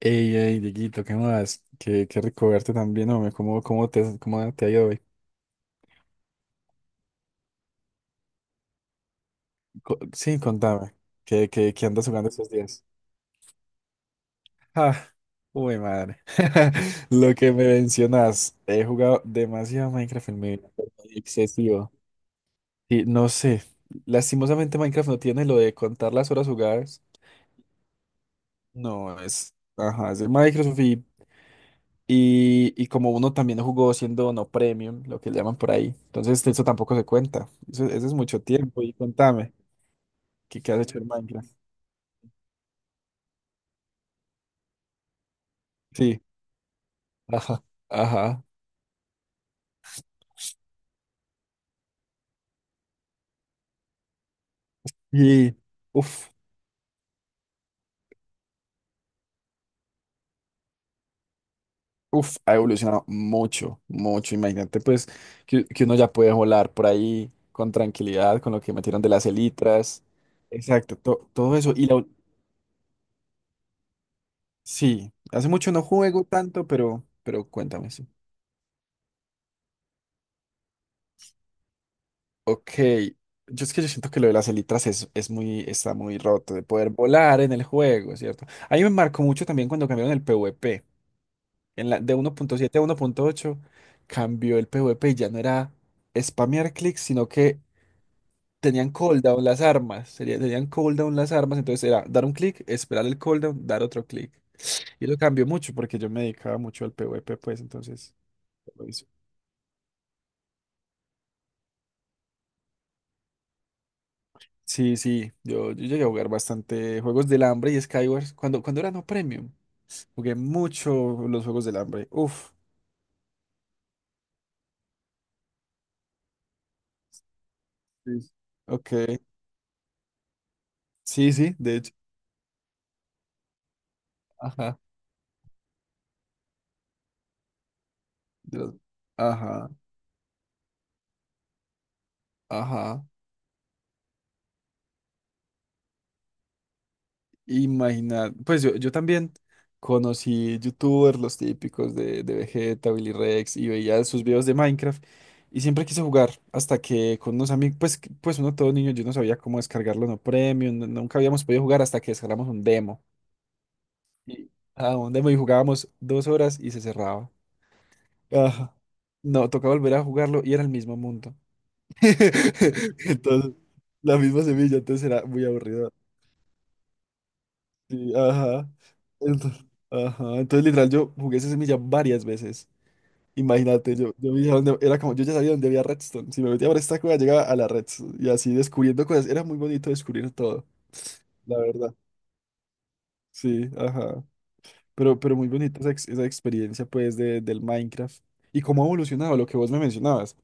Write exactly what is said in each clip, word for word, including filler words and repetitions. Ey, ey, Dieguito, ¿qué más? Qué, qué rico verte también, hombre. ¿Cómo, cómo te, cómo te ha ido hoy? Co- sí, contame. ¿Qué, qué, qué andas jugando estos días? Ah, uy, madre. Lo que me mencionas, he jugado demasiado Minecraft en mi vida, pero excesivo. Y no sé, lastimosamente Minecraft no tiene lo de contar las horas jugadas. No, es, ajá, es de Microsoft. Y, y como uno también jugó siendo no premium, lo que llaman por ahí, entonces eso tampoco se cuenta. Eso, eso es mucho tiempo. Y contame, ¿qué, qué has hecho en Minecraft? Sí, ajá, ajá. Y uff, uff, ha evolucionado mucho, mucho. Imagínate, pues, que, que uno ya puede volar por ahí con tranquilidad, con lo que metieron de las elitras. Exacto, to- todo eso. Y la, ul- sí, hace mucho no juego tanto, pero, pero cuéntame. Ok, yo es que yo siento que lo de las elitras es, es muy, está muy roto de poder volar en el juego, ¿cierto? Ahí me marcó mucho también cuando cambiaron el PvP. En la, de uno punto siete a uno punto ocho, cambió el PvP y ya no era spamear clics, sino que tenían cooldown las armas. Sería- tenían cooldown las armas, entonces era dar un clic, esperar el cooldown, dar otro clic. Y lo cambió mucho porque yo me dedicaba mucho al PvP, pues entonces lo hice. Sí, sí, yo, yo llegué a jugar bastante juegos del hambre y Skywars cuando, cuando eran no premium. Jugué mucho los Juegos del Hambre. Uf. Sí. Ok. Sí, sí, de hecho. Ajá. De los. Ajá, ajá. Imaginar. Pues yo, yo también conocí youtubers, los típicos de, de Vegeta, Billy Rex, y veía sus videos de Minecraft. Y siempre quise jugar hasta que con unos amigos, pues, que- pues uno todo niño, yo no sabía cómo descargarlo, no premium, no- nunca habíamos podido jugar hasta que descargamos un demo. Y, ah, un demo y jugábamos dos horas y se cerraba. Ajá. No, tocaba volver a jugarlo y era el mismo mundo. Entonces, la misma semilla, entonces era muy aburrido. Sí, ajá. Entonces, ajá. Entonces, literal, yo jugué esa semilla varias veces. Imagínate, yo, yo veía dónde- era como, yo ya sabía dónde había redstone. Si me metía por esta cueva, llegaba a la redstone. Y así descubriendo cosas. Era muy bonito descubrir todo, la verdad. Sí, ajá. Pero, pero muy bonita esa, ex- esa experiencia, pues, de, del Minecraft. Y cómo ha evolucionado lo que vos me mencionabas.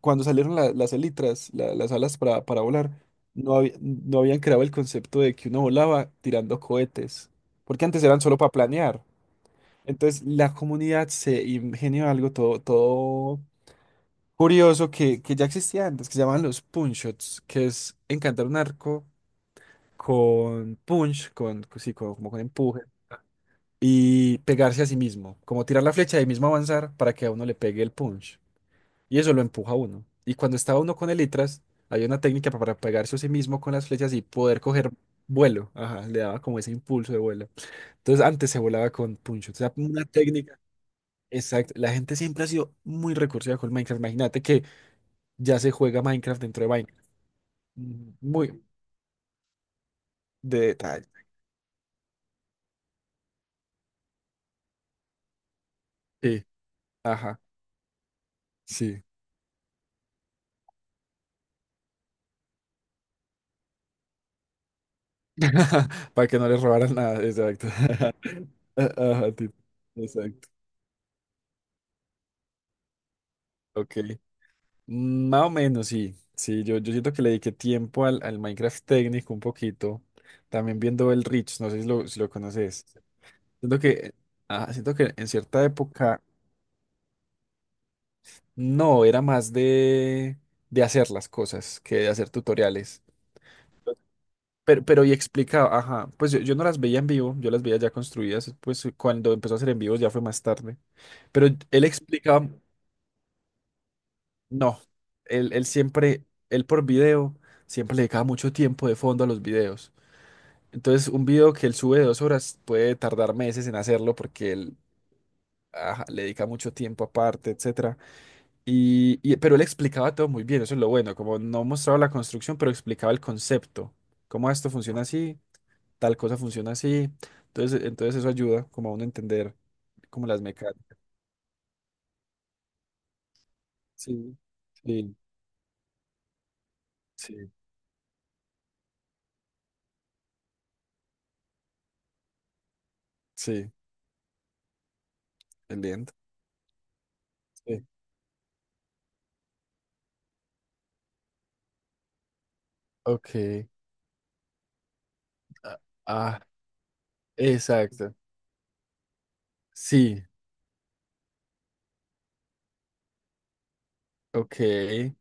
Cuando salieron la- las elitras, la- las alas para, para volar, no, había- no habían creado el concepto de que uno volaba tirando cohetes, porque antes eran solo para planear. Entonces la comunidad se ingenió algo todo, todo curioso que, que ya existía antes, que se llamaban los punch shots, que es encantar un arco con punch, con, sí, con- como con empuje, y pegarse a sí mismo, como tirar la flecha y ahí mismo avanzar para que a uno le pegue el punch. Y eso lo empuja a uno. Y cuando estaba uno con elitras, había una técnica pa- para pegarse a sí mismo con las flechas y poder coger vuelo. Ajá, le daba como ese impulso de vuelo. Entonces antes se volaba con puncho. O sea, una técnica. Exacto. La gente siempre ha sido muy recursiva con Minecraft. Imagínate que ya se juega Minecraft dentro de Minecraft. Mm, Muy de detalle. Sí. Ajá. Sí. Para que no les robaran nada. Exacto. Ajá, ti- Exacto. Ok. Mm, Más o menos, sí. Sí, yo, yo siento que le dediqué tiempo al, al Minecraft técnico un poquito. También viendo el Rich, no sé si lo, si lo conoces. Siento que, ah, siento que en cierta época no, era más de, de hacer las cosas que de hacer tutoriales. Pero, pero y explicaba, ajá, pues yo, yo no las veía en vivo, yo las veía ya construidas, pues cuando empezó a hacer en vivo ya fue más tarde. Pero él explicaba, no, él, él siempre, él por video, siempre le dedicaba mucho tiempo de fondo a los videos. Entonces, un video que él sube de dos horas puede tardar meses en hacerlo porque él ajá, le dedica mucho tiempo aparte, etcétera. Y, y- pero él explicaba todo muy bien, eso es lo bueno, como no mostraba la construcción, pero explicaba el concepto, cómo esto funciona así, tal cosa funciona así. Entonces, entonces eso ayuda como a uno a entender como las mecánicas. Sí, sí, sí, sí, el diente. Sí. Ok. Ah, ah, exacto. Sí, ok.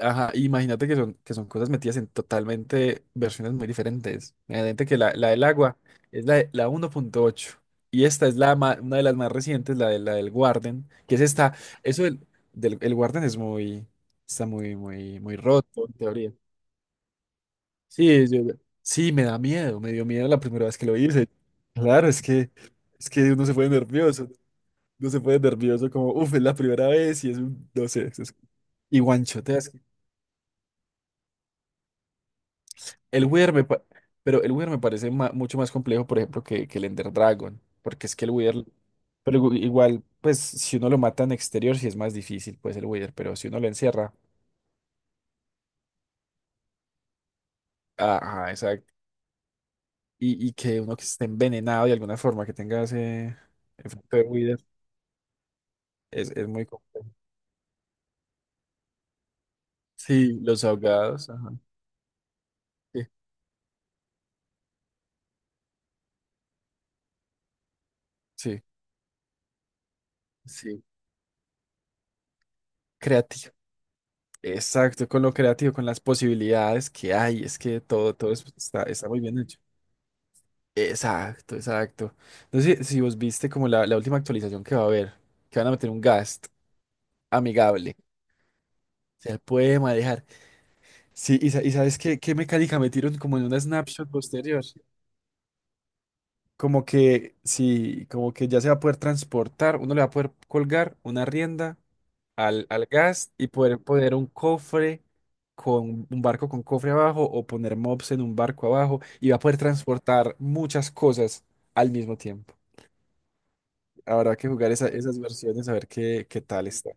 Ajá, imagínate que son, que son, cosas metidas en totalmente versiones muy diferentes. Imagínate que la, la del agua es la, de- la uno punto ocho y esta es la ma- una de las más recientes, la, de, la del Warden, que es esta. Eso del, del- el Warden es muy, está muy, muy, muy roto en teoría. Sí, yo- sí, me da miedo, me dio miedo la primera vez que lo hice. Claro, es que, es que uno se pone nervioso, uno se pone nervioso como, uff, es la primera vez y es un, no sé, es, y guanchoteas. El Wither me pa- pero el Wither me parece ma- mucho más complejo, por ejemplo, que, que el Ender Dragon, porque es que el Wither, pero igu- igual, pues si uno lo mata en exterior, sí es más difícil, pues el Wither, pero si uno lo encierra, ajá, exacto, y, y que uno que esté envenenado de alguna forma, que tenga ese efecto de Wither, es, es muy complejo. Sí, los ahogados, ajá, sí, sí, sí, creativo. Exacto, con lo creativo, con las posibilidades que hay, es que todo, todo es- está, está muy bien hecho. Exacto, exacto. No sé si vos viste como la, la última actualización que va a haber, que van a meter un Gast amigable. Se puede manejar. Sí, y, sa- y sabes qué, qué mecánica metieron como en una snapshot posterior. Como que sí, como que ya se va a poder transportar, uno le va a poder colgar una rienda al, al gas y poder poner un cofre con un barco con cofre abajo o poner mobs en un barco abajo y va a poder transportar muchas cosas al mismo tiempo. Habrá que jugar esa- esas versiones a ver qué, qué tal está.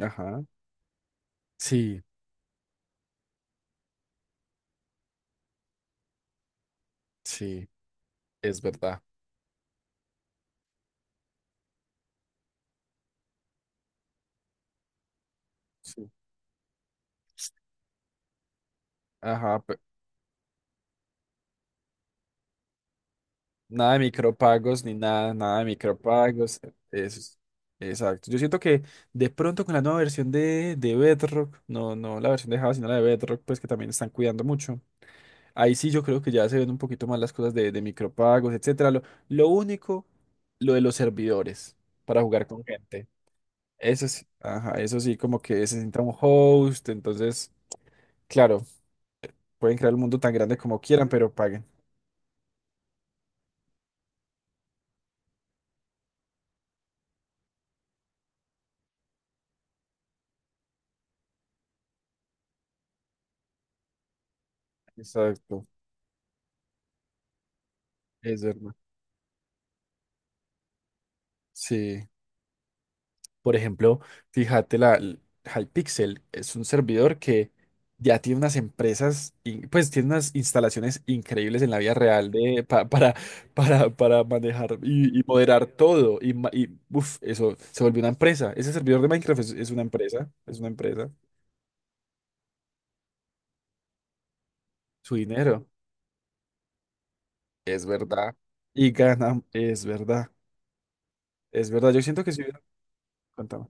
Ajá. Sí, sí, es verdad. Sí. Ajá, pe- nada de micropagos ni nada, nada de micropagos. Eso es- exacto. Yo siento que de pronto con la nueva versión de, de Bedrock, no, no la versión de Java, sino la de Bedrock, pues que también están cuidando mucho. Ahí sí yo creo que ya se ven un poquito más las cosas de, de micropagos, etcétera. Lo, lo único, lo de los servidores para jugar con gente. Eso sí, ajá, eso sí, como que se sienta un host, entonces, claro, pueden crear el mundo tan grande como quieran, pero paguen. Exacto, es verdad. Sí, por ejemplo, fíjate, la l- Hypixel es un servidor que ya tiene unas empresas, in- pues tiene unas instalaciones increíbles en la vida real de, pa- para, para, para manejar y, y moderar todo. Y, ma- y uf, eso se volvió una empresa. Ese servidor de Minecraft es es una empresa, es una empresa, su dinero. Es verdad. Y ganan. Es verdad. Es verdad. Yo siento que sí. Contame.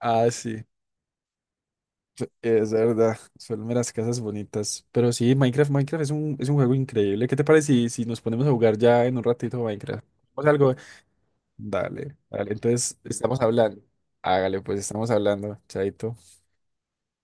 Ah, sí. Es verdad. Son las casas bonitas. Pero sí, Minecraft, Minecraft es un, es un juego increíble. ¿Qué te parece si, si nos ponemos a jugar ya en un ratito Minecraft? ¿Hacemos algo? Dale, dale. Entonces, estamos hablando. Hágale, pues estamos hablando. Chaito.